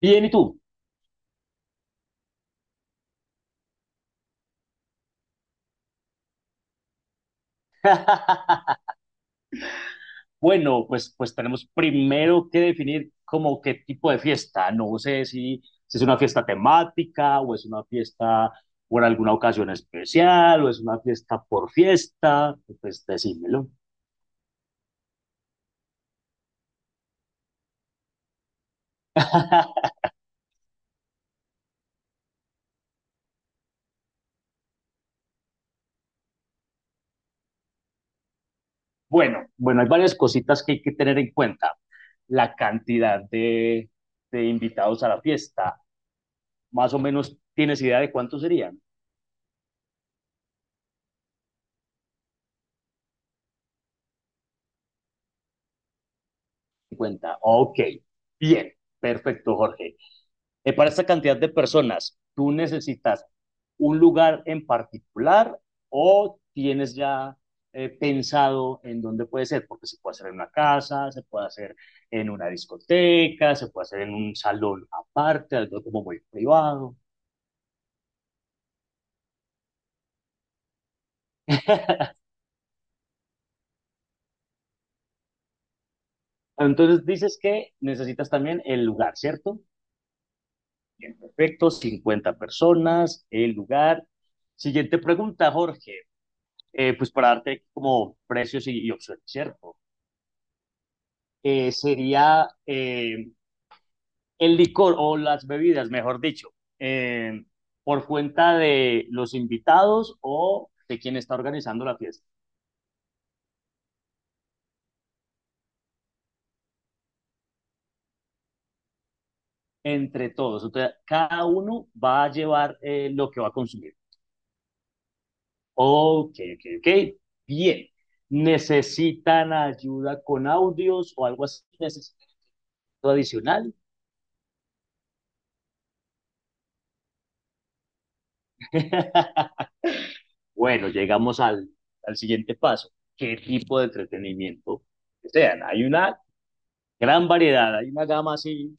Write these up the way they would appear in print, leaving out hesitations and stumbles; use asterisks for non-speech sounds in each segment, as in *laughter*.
Bien, ¿y tú? *laughs* Bueno, pues tenemos primero que definir como qué tipo de fiesta. No sé si es una fiesta temática o es una fiesta por alguna ocasión especial o es una fiesta por fiesta. Pues decímelo. *laughs* Bueno, bueno, hay varias cositas que hay que tener en cuenta. La cantidad de invitados a la fiesta. Más o menos, ¿tienes idea de cuántos serían? 50. Ok, bien, perfecto, Jorge. Para esta cantidad de personas, ¿tú necesitas un lugar en particular o tienes ya pensado en dónde puede ser? Porque se puede hacer en una casa, se puede hacer en una discoteca, se puede hacer en un salón aparte, algo como muy privado. Entonces dices que necesitas también el lugar, ¿cierto? Bien, perfecto, 50 personas, el lugar. Siguiente pregunta, Jorge. Pues para darte como precios y opciones, ¿cierto? Sería el licor o las bebidas, mejor dicho, eh, por cuenta de los invitados o de quien está organizando la fiesta, entre todos. Entonces, cada uno va a llevar lo que va a consumir. Ok, ok, ok. Bien. ¿Necesitan ayuda con audios o algo así? ¿Necesitan algo adicional? *laughs* Bueno, llegamos al siguiente paso. ¿Qué tipo de entretenimiento desean? Hay una gran variedad, hay una gama así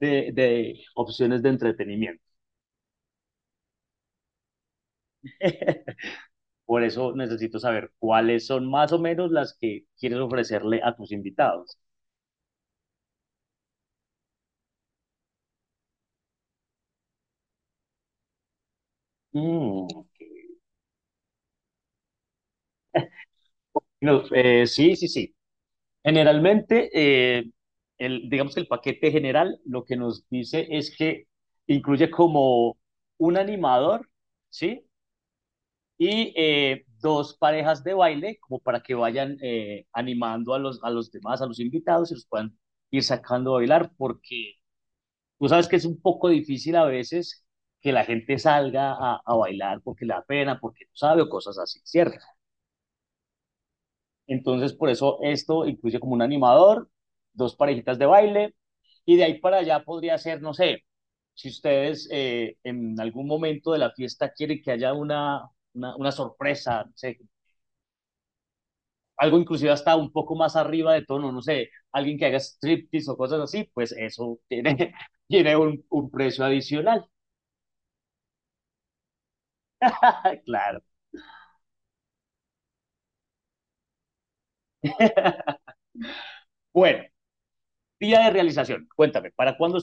de opciones de entretenimiento. *laughs* Por eso necesito saber cuáles son más o menos las que quieres ofrecerle a tus invitados. Mm, ok. No, sí, sí, sí. Generalmente, digamos que el paquete general lo que nos dice es que incluye como un animador, ¿sí? Y dos parejas de baile como para que vayan animando a los demás, a los invitados y los puedan ir sacando a bailar porque tú sabes que es un poco difícil a veces que la gente salga a bailar porque le da pena, porque no sabe o cosas así, ¿cierto? Entonces por eso esto incluye como un animador, dos parejitas de baile y de ahí para allá podría ser, no sé, si ustedes en algún momento de la fiesta quieren que haya una sorpresa, no sé, algo inclusive hasta un poco más arriba de tono, no sé, alguien que haga striptease o cosas así, pues eso tiene, *laughs* tiene un precio adicional. *laughs* Claro. *laughs* Bueno, día de realización, cuéntame, ¿para cuándo?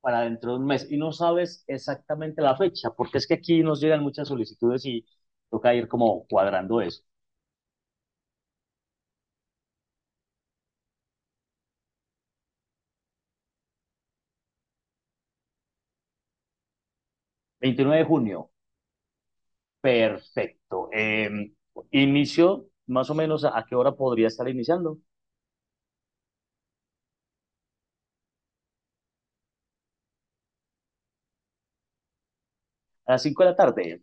Para dentro de un mes. Y no sabes exactamente la fecha, porque es que aquí nos llegan muchas solicitudes y toca ir como cuadrando eso. 29 de junio, perfecto. Inicio, más o menos, ¿a qué hora podría estar iniciando? A las cinco de la tarde.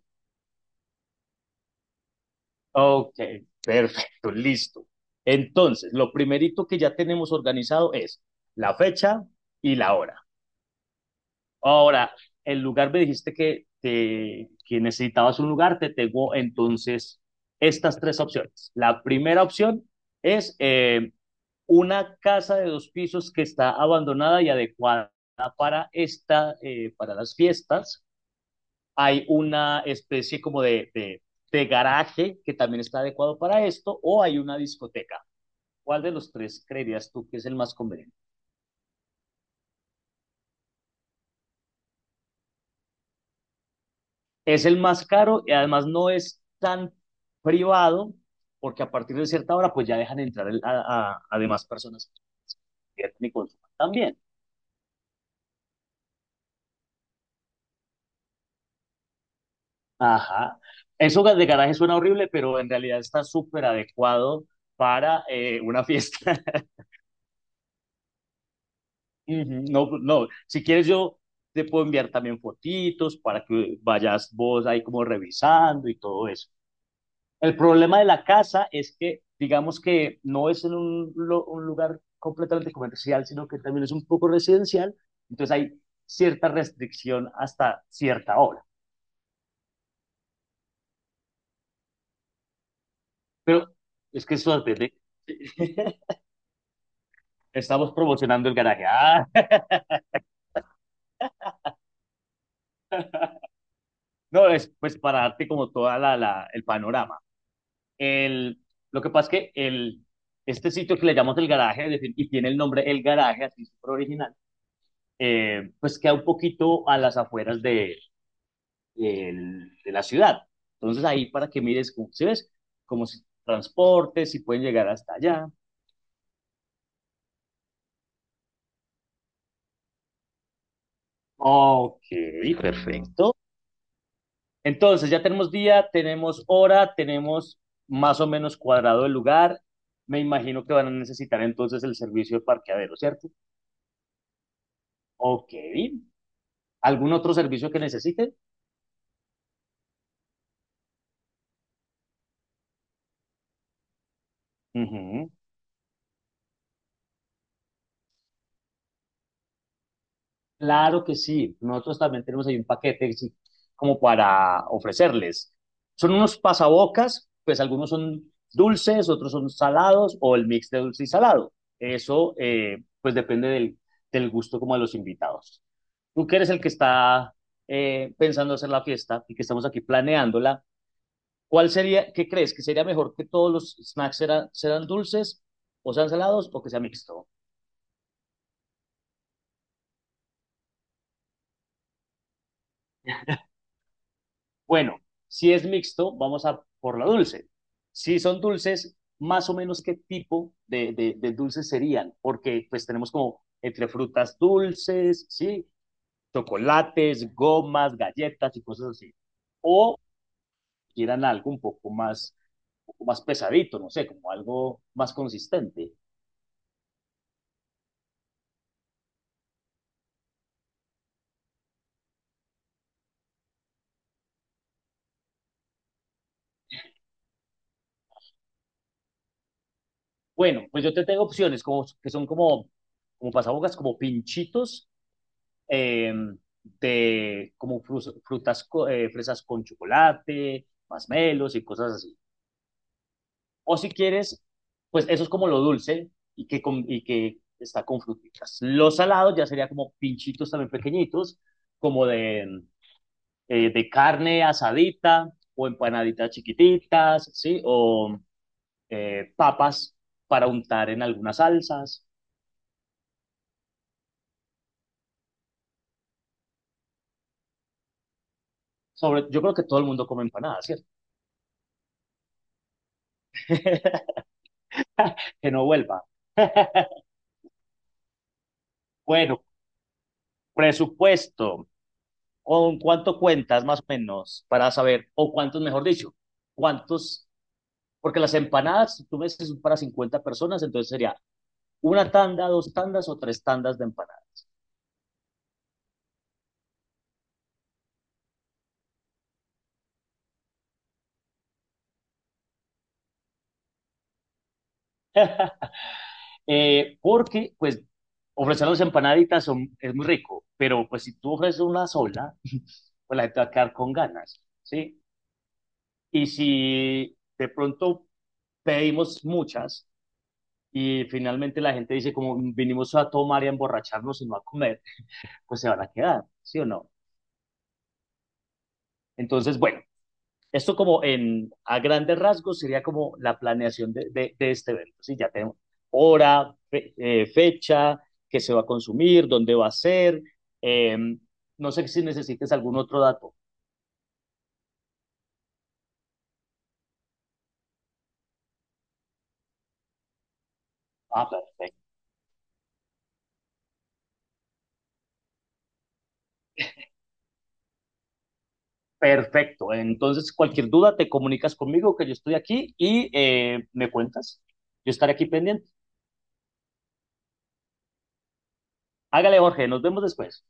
Ok, perfecto, listo. Entonces, lo primerito que ya tenemos organizado es la fecha y la hora. Ahora, el lugar me dijiste que necesitabas un lugar, te tengo entonces estas tres opciones. La primera opción es una casa de dos pisos que está abandonada y adecuada para las fiestas. Hay una especie como de garaje que también está adecuado para esto, o hay una discoteca. ¿Cuál de los tres creerías tú que es el más conveniente? Es el más caro y además no es tan privado, porque a partir de cierta hora pues ya dejan entrar a demás personas y consuman también. Ajá. Eso de garaje suena horrible, pero en realidad está súper adecuado para una fiesta. Ujú, no, pues, no, si quieres yo te puedo enviar también fotitos para que vayas vos ahí como revisando y todo eso. El problema de la casa es que, digamos que no es en un lugar completamente comercial, sino que también es un poco residencial, entonces hay cierta restricción hasta cierta hora. Pero es que eso depende. *laughs* Estamos promocionando el garaje. Ah, *laughs* no, es pues para darte como toda el panorama. El, lo que pasa es que este sitio que le llamamos el garaje, es decir, y tiene el nombre El Garaje, así súper original, pues queda un poquito a las afueras el de la ciudad. Entonces ahí para que mires, si ves, como si transportes, si pueden llegar hasta allá. Ok, perfecto. Perfecto. Entonces ya tenemos día, tenemos hora, tenemos más o menos cuadrado el lugar. Me imagino que van a necesitar entonces el servicio de parqueadero, ¿cierto? Ok. ¿Algún otro servicio que necesiten? Ujú. Claro que sí. Nosotros también tenemos ahí un paquete sí, como para ofrecerles. Son unos pasabocas, pues algunos son dulces, otros son salados o el mix de dulce y salado. Eso pues depende del gusto como de los invitados. Tú que eres el que está pensando hacer la fiesta y que estamos aquí planeándola, ¿cuál sería, qué crees? ¿Que sería mejor que todos los snacks serán dulces o sean salados o que sea mixto? Bueno, si es mixto, vamos a por la dulce. Si son dulces, más o menos qué tipo de dulces serían, porque pues tenemos como entre frutas dulces, ¿sí? Chocolates, gomas, galletas y cosas así. O quieran algo un poco más pesadito, no sé, como algo más consistente. Bueno, pues yo te tengo opciones como pasabocas, como pinchitos eh, de como frutas, fresas con chocolate, masmelos y cosas así. O si quieres, pues eso es como lo dulce y que está con fruticas. Los salados ya sería como pinchitos también pequeñitos, como de carne asadita o empanaditas chiquititas, ¿sí? O papas para untar en algunas salsas. Sobre, yo creo que todo el mundo come empanadas, ¿cierto? *laughs* Que no vuelva. *laughs* Bueno, presupuesto, ¿con cuánto cuentas más o menos para saber, o cuántos, mejor dicho, cuántos, porque las empanadas, si tú me dices son para 50 personas, entonces sería una tanda, dos tandas o tres tandas de empanadas. Porque, pues, ofrecer las empanaditas es muy rico, pero pues si tú ofreces una sola, *laughs* pues la gente va a quedar con ganas, ¿sí? Y si de pronto pedimos muchas y finalmente la gente dice como vinimos a tomar y a emborracharnos y no a comer, pues se van a quedar, ¿sí o no? Entonces, bueno, esto como a grandes rasgos sería como la planeación de este evento, ¿sí? Ya tenemos hora, fecha, qué se va a consumir, dónde va a ser. Eh, no sé si necesites algún otro dato. Ah, perfecto. Perfecto. Entonces, cualquier duda, te comunicas conmigo, que yo estoy aquí y me cuentas. Yo estaré aquí pendiente. Hágale, Jorge, nos vemos después.